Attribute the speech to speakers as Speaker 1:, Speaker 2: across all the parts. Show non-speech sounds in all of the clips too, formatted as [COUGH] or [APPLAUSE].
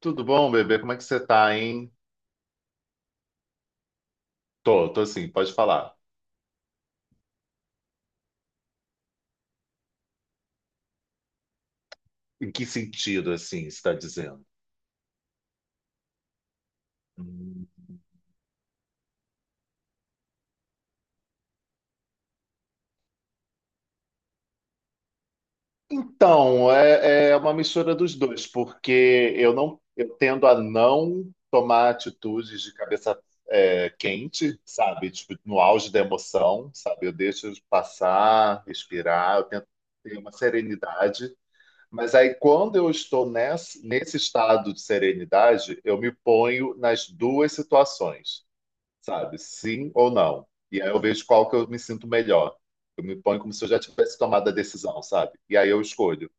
Speaker 1: Tudo bom, bebê? Como é que você tá, hein? Tô assim, pode falar. Em que sentido, assim, você está dizendo? Hum. Então, é uma mistura dos dois, porque eu tendo a não tomar atitudes de cabeça quente, sabe? Tipo, no auge da emoção, sabe? Eu deixo passar, respirar, eu tento ter uma serenidade. Mas aí, quando eu estou nessa, nesse estado de serenidade, eu me ponho nas duas situações, sabe? Sim ou não. E aí eu vejo qual que eu me sinto melhor. Eu me ponho como se eu já tivesse tomado a decisão, sabe? E aí eu escolho,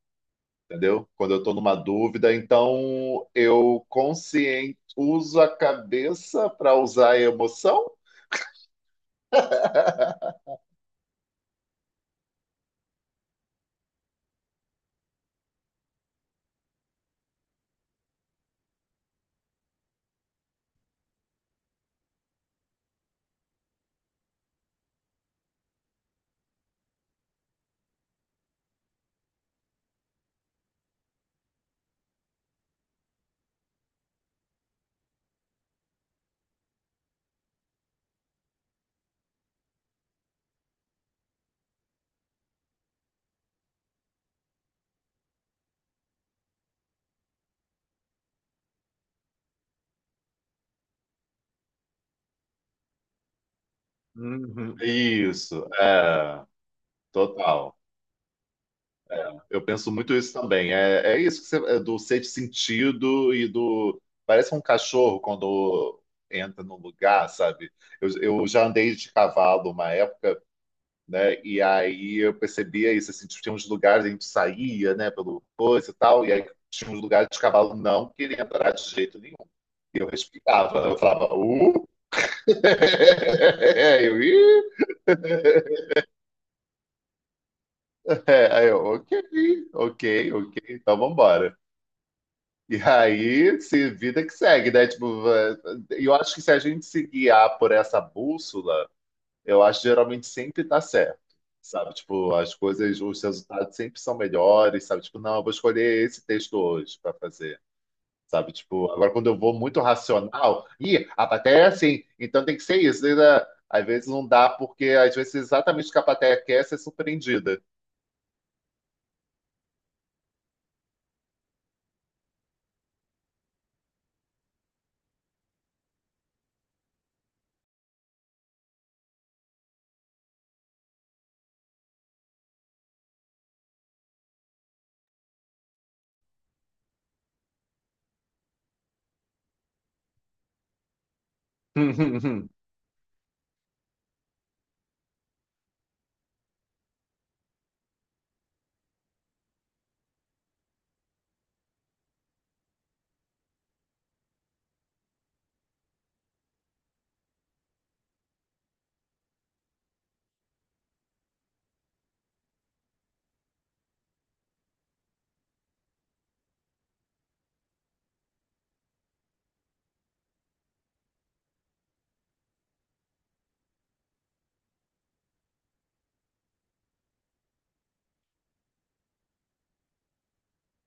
Speaker 1: entendeu? Quando eu estou numa dúvida, então eu consciente uso a cabeça para usar a emoção? Uhum. [LAUGHS] Isso, é, total. Eu penso muito isso também. É isso que você, é do sexto sentido e do. Parece um cachorro quando entra num lugar, sabe? Eu já andei de cavalo uma época, né? E aí eu percebia isso, assim, tipo, tinha uns lugares, a gente saía, né, pelo coisa e tal, e aí tinha uns lugares que o cavalo não queria entrar de jeito nenhum. E eu respirava, eu falava, [LAUGHS] eu, Ih! Ok, ok, ok, então vambora. E aí, se vida que segue, né? Eh, eu acho que se a gente se guiar por essa bússola, eu acho que geralmente sempre dá certo, sabe? Tipo, as coisas, os resultados sempre são melhores, sabe? Tipo, não, eu vou escolher esse texto hoje para fazer, sabe? Tipo, agora quando eu vou muito racional, ih, a plateia é assim, então tem que ser isso, né? Às vezes não dá, porque às vezes exatamente o que a plateia quer é ser surpreendida. [LAUGHS]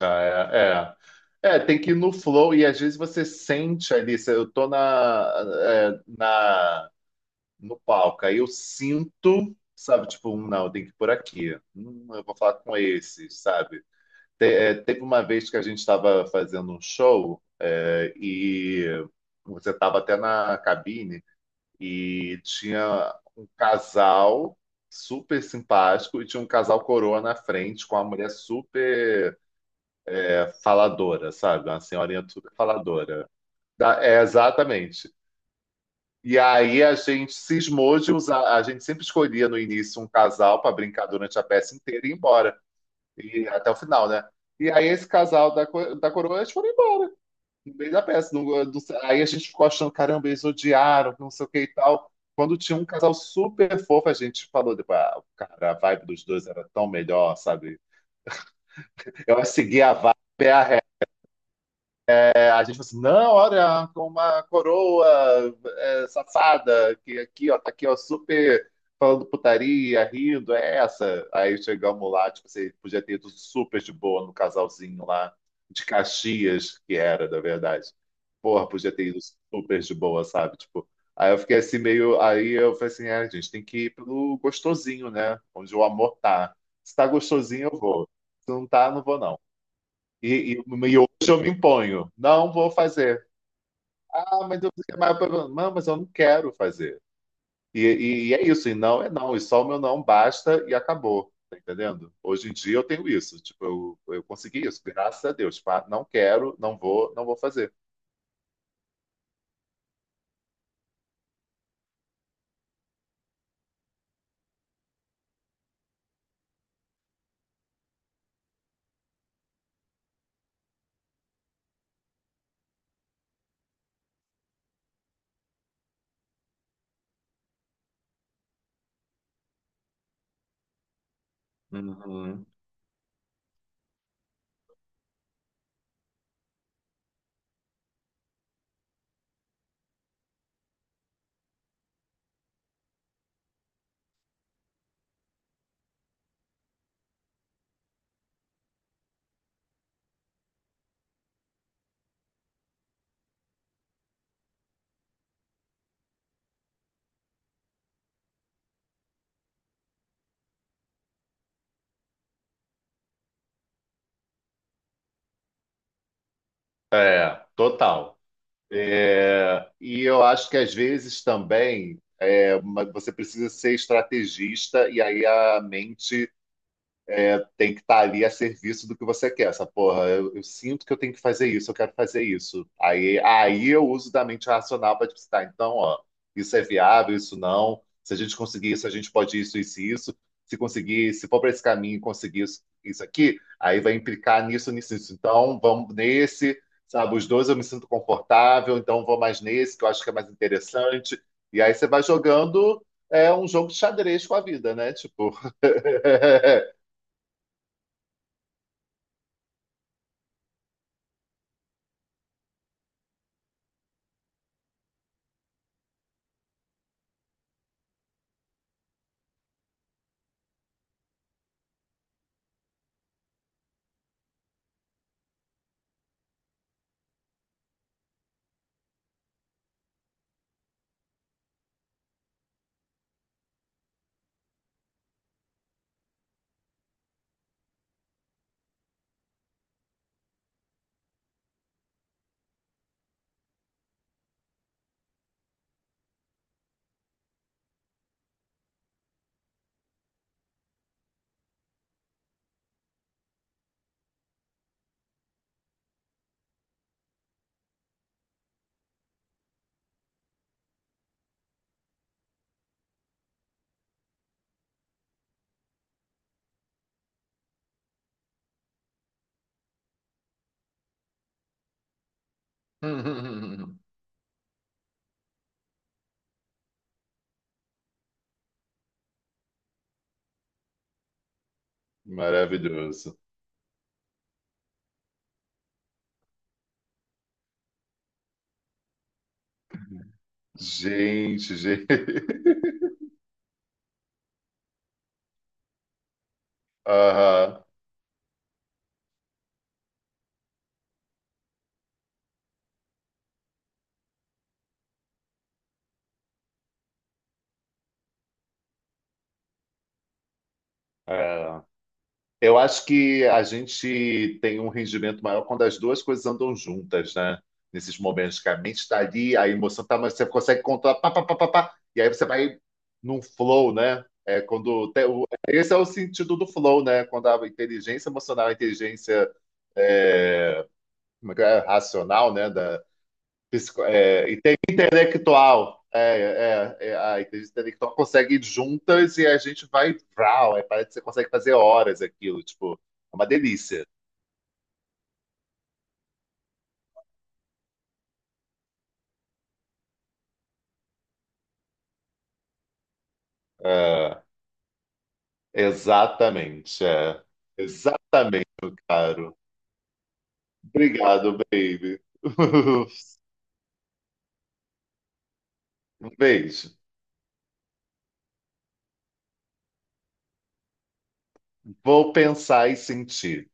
Speaker 1: Ah, É, tem que ir no flow e às vezes você sente ali, se eu tô na, é, na no palco. Aí eu sinto, sabe, tipo, não, tem que ir por aqui. Eu vou falar com esses, sabe? Teve uma vez que a gente estava fazendo um show, e você estava até na cabine e tinha um casal super simpático e tinha um casal coroa na frente com uma mulher super faladora, sabe? Uma senhorinha super faladora. Exatamente. E aí a gente cismou de usar, a gente sempre escolhia no início um casal para brincar durante a peça inteira e ir embora, e até o final, né? E aí esse casal da coroa, eles foram embora no meio da peça. Não- não sei- aí a gente ficou achando, caramba, eles odiaram, não sei o que e tal. Quando tinha um casal super fofo, a gente falou depois, ah, cara, a vibe dos dois era tão melhor, sabe? Eu segui a vibe, a gente fala assim, não, olha, com uma coroa safada, que aqui, ó, tá aqui, ó, super falando putaria, rindo, é essa. Aí chegamos lá, tipo, você podia ter ido super de boa no casalzinho lá, de Caxias, que era, na verdade. Porra, podia ter ido super de boa, sabe? Tipo, aí eu fiquei assim meio. Aí eu falei assim, gente, tem que ir pelo gostosinho, né? Onde o amor tá. Se tá gostosinho, eu vou. Se não tá, não vou, não. E, e hoje eu me imponho, não vou fazer. Ah, mas, mas eu não quero fazer. E é isso, e não é não, e só o meu não basta e acabou. Tá entendendo? Hoje em dia eu tenho isso. Tipo, eu consegui isso, graças a Deus. Pá, não quero, não vou, não vou fazer. Uhum. É, total. É, e eu acho que às vezes também você precisa ser estrategista e aí a mente tem que estar ali a serviço do que você quer. Essa porra, eu sinto que eu tenho que fazer isso, eu quero fazer isso. Aí eu uso da mente racional para tipo, assim, tá, então, ó, isso é viável, isso não. Se a gente conseguir isso, a gente pode isso, isso e isso. Se conseguir, se for para esse caminho e conseguir isso, isso aqui, aí vai implicar nisso, nisso, nisso. Então, vamos nesse, sabe? Os dois eu me sinto confortável, então vou mais nesse, que eu acho que é mais interessante. E aí você vai jogando é um jogo de xadrez com a vida, né? Tipo, [LAUGHS] [LAUGHS] maravilhoso. Gente, gente. [LAUGHS] Aham. É. Eu acho que a gente tem um rendimento maior quando as duas coisas andam juntas, né? Nesses momentos que a mente está ali, a emoção está, mas você consegue controlar, pá, pá, pá, pá, pá, e aí você vai num flow, né? É quando tem esse é o sentido do flow, né? Quando a inteligência emocional, a inteligência é, como é que é? Racional, né? psico- é, Intelectual. A inteligência intelectual consegue ir juntas e a gente vai. Vrau, aí parece que você consegue fazer horas aquilo. Tipo, é uma delícia. É, exatamente. É. Exatamente, meu caro. Obrigado, baby. [LAUGHS] Um beijo. Vou pensar e sentir.